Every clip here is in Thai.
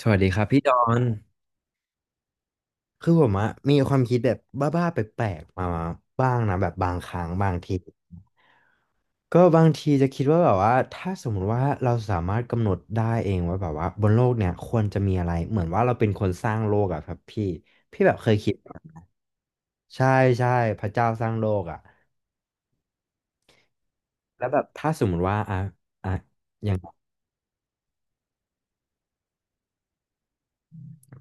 สวัสดีครับพี่ดอน คือผมอะมีความคิดแบบบ้าๆแปลกๆมาบ้างนะแบบบางครั้งบางทีก็บางทีจะคิดว่าแบบว่าถ้าสมมุติว่าเราสามารถกำหนดได้เองว่าแบบว่าบนโลกเนี่ยควรจะมีอะไรเหมือนว่าเราเป็นคนสร้างโลกอะครับพี่พี่แบบเคยคิดใช่ใช่พระเจ้าสร้างโลกอะแล้วแบบถ้าสมมุติว่าอ่ะ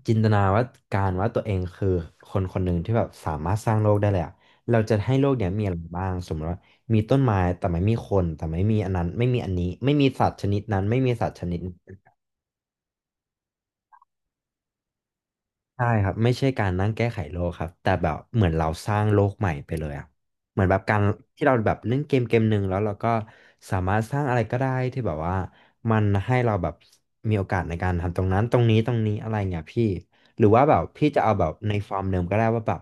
จินตนาว่าการว่าตัวเองคือคนคนหนึ่งที่แบบสามารถสร้างโลกได้เลยอะเราจะให้โลกเนี้ยมีอะไรบ้างสมมติว่ามีต้นไม้แต่ไม่มีคนแต่ไม่มีอันนั้นไม่มีอันนี้ไม่มีสัตว์ชนิดนั้นไม่มีสัตว์ชนิดนี้ ใช่ครับไม่ใช่การนั่งแก้ไขโลกครับแต่แบบเหมือนเราสร้างโลกใหม่ไปเลยอ่ะเหมือนแบบการที่เราแบบเล่นเกมเกมหนึ่งแล้วเราก็สามารถสร้างอะไรก็ได้ที่แบบว่ามันให้เราแบบมีโอกาสในการทำตรงนั้นตรงนี้อะไรเงี้ยพี่หรือว่าแบบพี่จะเอาแบบในฟอร์มเดิมก็ได้ว่าแบบ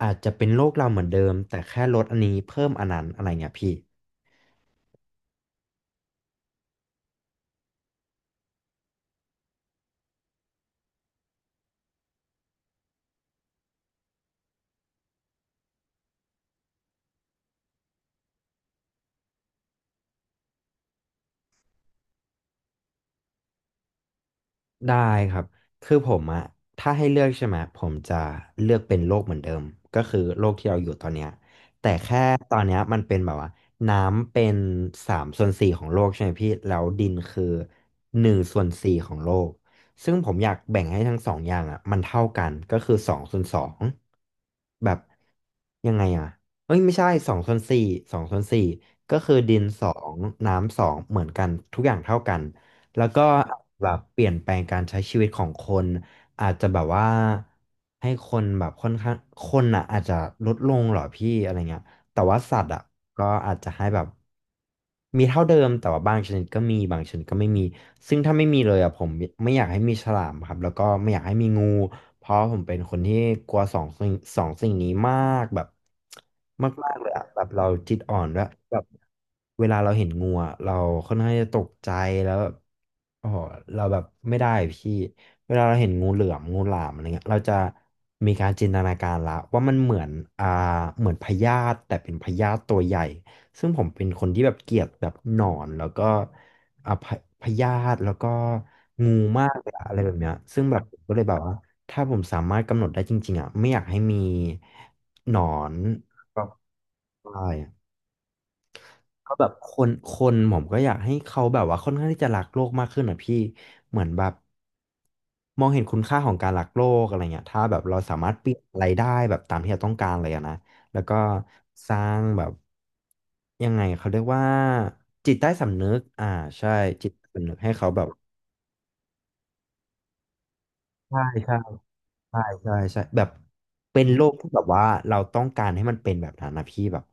อาจจะเป็นโลกเราเหมือนเดิมแต่แค่ลดอันนี้เพิ่มอันนั้นอะไรเงี้ยพี่ ได้ครับคือผมอะถ้าให้เลือกใช่ไหมผมจะเลือกเป็นโลกเหมือนเดิมก็คือโลกที่เราอยู่ตอนเนี้ยแต่แค่ตอนเนี้ยมันเป็นแบบว่าน้ำเป็นสามส่วนสี่ของโลกใช่ไหมพี่แล้วดินคือหนึ่งส่วนสี่ของโลกซึ่งผมอยากแบ่งให้ทั้งสองอย่างอะมันเท่ากัน ก็คือสองส่วนสองแบบยังไงอะเอ้ยไม่ใช่สองส่วนสี่สองส่วนสี่ก็คือดินสองน้ำสองเหมือนกันทุกอย่างเท่ากัน แล้วก็แบบเปลี่ยนแปลงการใช้ชีวิตของคนอาจจะแบบว่าให้คนแบบค่อนข้างคนอ่ะอาจจะลดลงเหรอพี่อะไรเงี้ย แต่ว่าสัตว์อ่ะก็อาจจะให้แบบมีเท่าเดิมแต่ว่าบางชนิดก็มีบางชนิดก็ไม่มีซึ่งถ้าไม่มีเลยอ่ะผมไม่อยากให้มีฉลามครับแล้วก็ไม่อยากให้มีงูเพราะผมเป็นคนที่กลัวสองสิ่งนี้มากแบบมากๆเลยอ่ะแบบเราจิตอ่อนด้วยแบบเวลาเราเห็นงูอะเราค่อนข้างจะตกใจแล้ว โอ้โหเราแบบไม่ได้พี่เวลาเราเห็นงูเหลือมงูหลามอะไรเงี้ยเราจะมีการจินตนาการละว่ามันเหมือนอ่าเหมือนพยาธิแต่เป็นพยาธิตัวใหญ่ซึ่งผมเป็นคนที่แบบเกลียดแบบหนอนแล้วก็อ่าพะพยาธิแล้วก็งูมากเลยอะอะไรแบบเนี้ยซึ่งแบบผมก็เลยแบบว่าถ้าผมสามารถกำหนดได้จริงๆอ่ะไม่อยากให้มีหนอนครไบ ก็แบบคนผมก็อยากให้เขาแบบว่าค่อนข้างที่จะรักโลกมากขึ้นอ่ะพี่เหมือนแบบมองเห็นคุณค่าของการรักโลกอะไรเงี้ยถ้าแบบเราสามารถเปลี่ยนอะไรได้แบบตามที่เราต้องการเลยอะนะแล้วก็สร้างแบบยังไงเขาเรียกว่าจิตใต้สำนึกใช่จิตใต้สำนึกให้เขาแบบใช่ใช่ใช่ใช่ใช่แบบเป็นโลกที่แบบว่าเราต้องการให้มันเป็นแบบนั้นนะพี่แบบ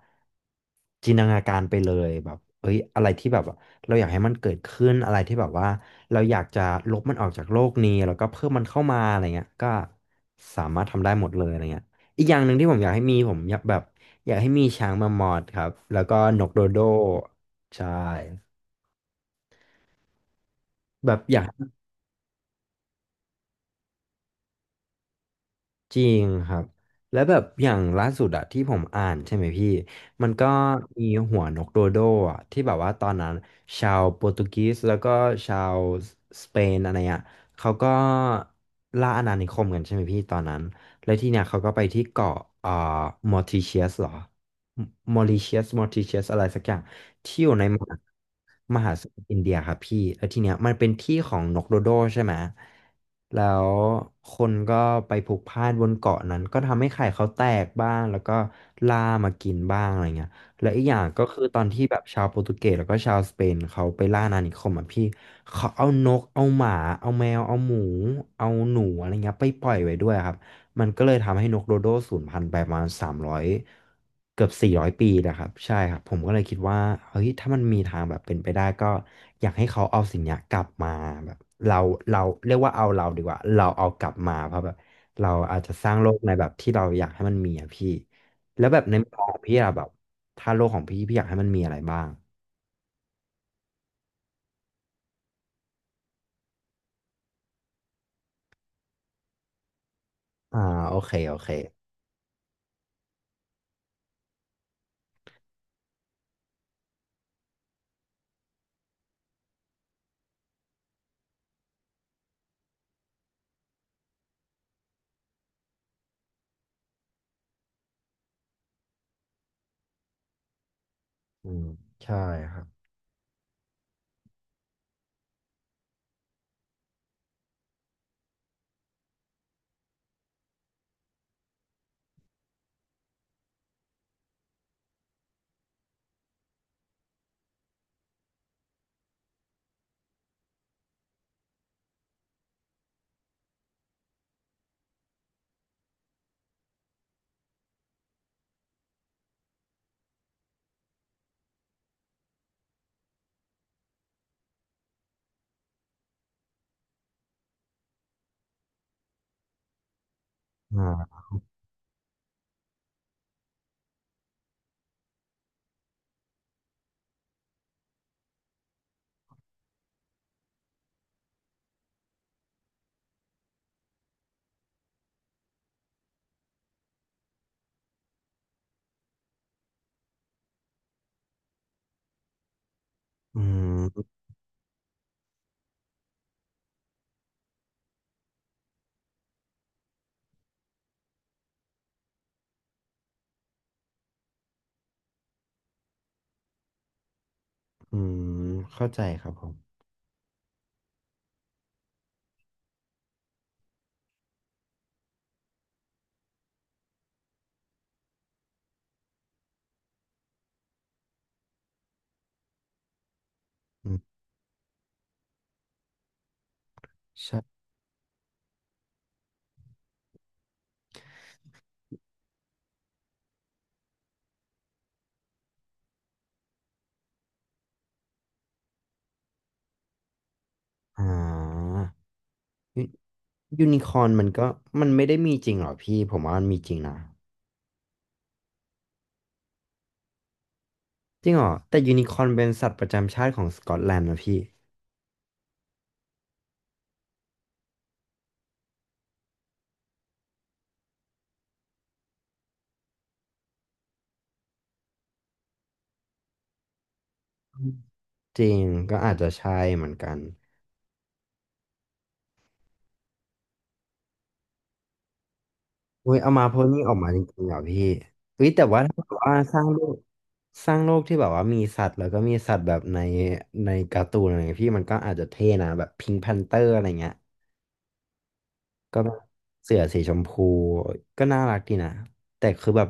จินตนาการไปเลยแบบเอ้ยอะไรที่แบบว่าเราอยากให้มันเกิดขึ้นอะไรที่แบบว่าเราอยากจะลบมันออกจากโลกนี้แล้วก็เพิ่มมันเข้ามาอะไรเงี้ยก็สามารถทำได้หมดเลยอะไรเงี้ยอีกอย่างหนึ่งที่ผมอยากให้มีผมอยากแบบอยากให้มีช้างมามอดครับแล้วก็นกโดโดใช่แบบอยาก จริงครับแล้วแบบอย่างล่าสุดอะที่ผมอ่านใช่ไหมพี่มันก็มีหัวนกโดโดอะที่แบบว่าตอนนั้นชาวโปรตุเกสแล้วก็ชาวสเปนอะไรอะเขาก็ล่าอาณานิคมกันใช่ไหมพี่ตอนนั้นแล้วที่เนี่ยเขาก็ไปที่เกาะเอ่อมอริเชียสหรอมอริเชียสมอริเชียสอะไรสักอย่าง ที่อยู่ในมหาสมุทรอินเดียครับพี่แล้วทีเนี้ยมันเป็นที่ของนกโดโดใช่ไหมแล้วคนก็ไปพลุกพล่านบนเกาะนั้นก็ทำให้ไข่เขาแตกบ้างแล้วก็ล่ามากินบ้างอะไรเงี้ยแลวอีกอย่างก็คือตอนที่แบบชาวโปรตุเกสแล้วก็ชาวสเปนเขาไปล่าอาณานิคมอ่ะพี่เขาเอานกเอาหมาเอาแมวเอาหมูเอาหนูอะไรเงี้ยไปปล่อยไว้ด้วยครับ มันก็เลยทำให้นกโดโดสูญพันธุ์ไปประมาณ300เกือบ400ปีนะครับใช่ครับผมก็เลยคิดว่าเฮ้ยถ้ามันมีทางแบบเป็นไปได้ก็อยากให้เขาเอาสิ่งเนี้ยกลับมาแบบเราเราเรียกว่าเอาเราดีกว่าเราเอากลับมาเพราะแบบเราอาจจะสร้างโลกในแบบที่เราอยากให้มันมีอะพี่แล้วแบบในมุมมองของพี่อะแบบถ้าโลกของพี่อยากให้มันมีอะไรบ้างอ่าโอเคโอเคอืมใช่ครับอ่าอืมอืมเข้าใจครับผมอืมใช่ อ่ายูนิคอร์นมันก็มันไม่ได้มีจริงหรอพี่ผมว่ามันมีจริงนะจริงเหรอแต่ยูนิคอร์นเป็นสัตว์ประจำชาติของสกอตแลนด์นะพี่จริงก็อาจจะใช่เหมือนกันเว้ยเอามาโพสต์นี้ออกมาจริงๆเหรอพี่เฮ้ยแต่ว่าถ้าแบบว่าสร้างโลกที่แบบว่ามีสัตว์แล้วก็มีสัตว์แบบในในการ์ตูนอะไรเงี้ยพี่มันก็อาจจะเท่นะแบบพิงค์แพนเตอร์อะไรเงี้ย ก็แบบเสือสีชมพูก็น่ารักดีนะแต่คือแบบ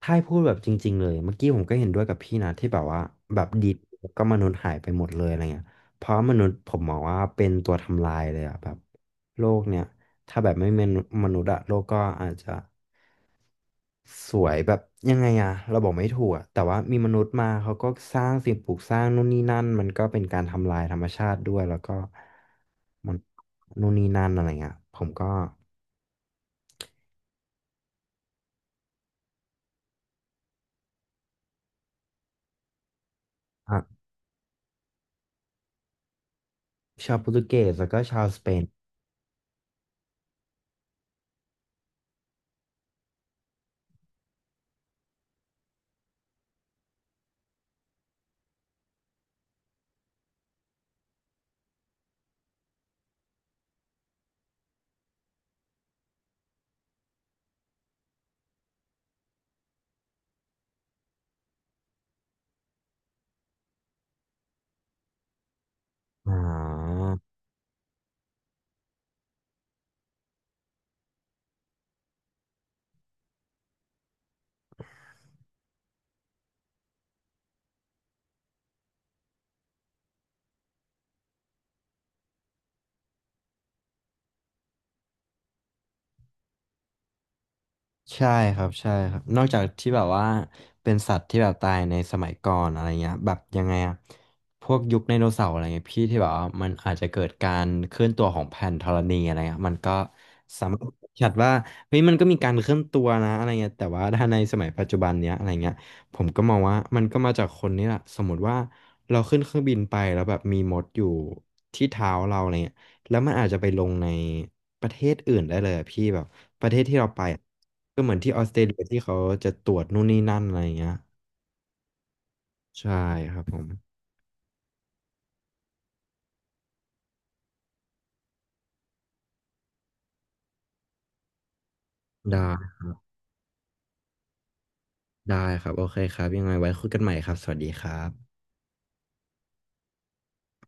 ถ้าให้พูดแบบจริงๆเลยเมื่อกี้ผมก็เห็นด้วยกับพี่นะที่แบบว่าแบบดีแล้วก็มนุษย์หายไปหมดเลยอะไรเงี้ยเพราะมนุษย์ผมมองว่าเป็นตัวทำลายเลยอะแบบโลกเนี่ยถ้าแบบไม่มีมนุษย์อะโลกก็อาจจะสวยแบบยังไงอะเราบอกไม่ถูกอะแต่ว่ามีมนุษย์มาเขาก็สร้างสิ่งปลูกสร้างนู่นนี่นั่นมันก็เป็นการทำลายธรรมชาติด้วยแล้วก็มันนู่นนี่นั่นอะไรเงี้ยผมก็ ชาวโปรตุเกสแล้วก็ชาวสเปนอ๋อ ใช่ครับใช่ครับนอกจากที่แบบว่าเป็นสัตว์ที่แบบตายในสมัยก่อนอะไรเงี้ยแบบยังไงอะพวกยุคไดโนเสาร์อะไรเงี้ยพี่ที่แบบว่ามันอาจจะเกิดการเคลื่อนตัวของแผ่นธรณีอะไรเงี้ยมันก็สามารถชัดว่าเฮ้ยมันก็มีการเคลื่อนตัวนะอะไรเงี้ยแต่ว่าถ้าในสมัยปัจจุบันเนี้ยอะไรเงี้ยผมก็มองว่ามันก็มาจากคนนี่แหละสมมติว่าเราขึ้นเครื่องบินไปแล้วแบบมีมดอยู่ที่เท้าเราอะไรเงี้ยแล้วมันอาจจะไปลงในประเทศอื่นได้เลยอะพี่แบบ ประเทศที่เราไปอะก็เหมือนที่ออสเตรเลียที่เขาจะตรวจนู่นนี่นั่นอะไรอย่างเงี้ยใช่ครับผมได้ได้ครับโอเคครับยังไงไว้คุยกันใหม่ครับสวัสดีครับ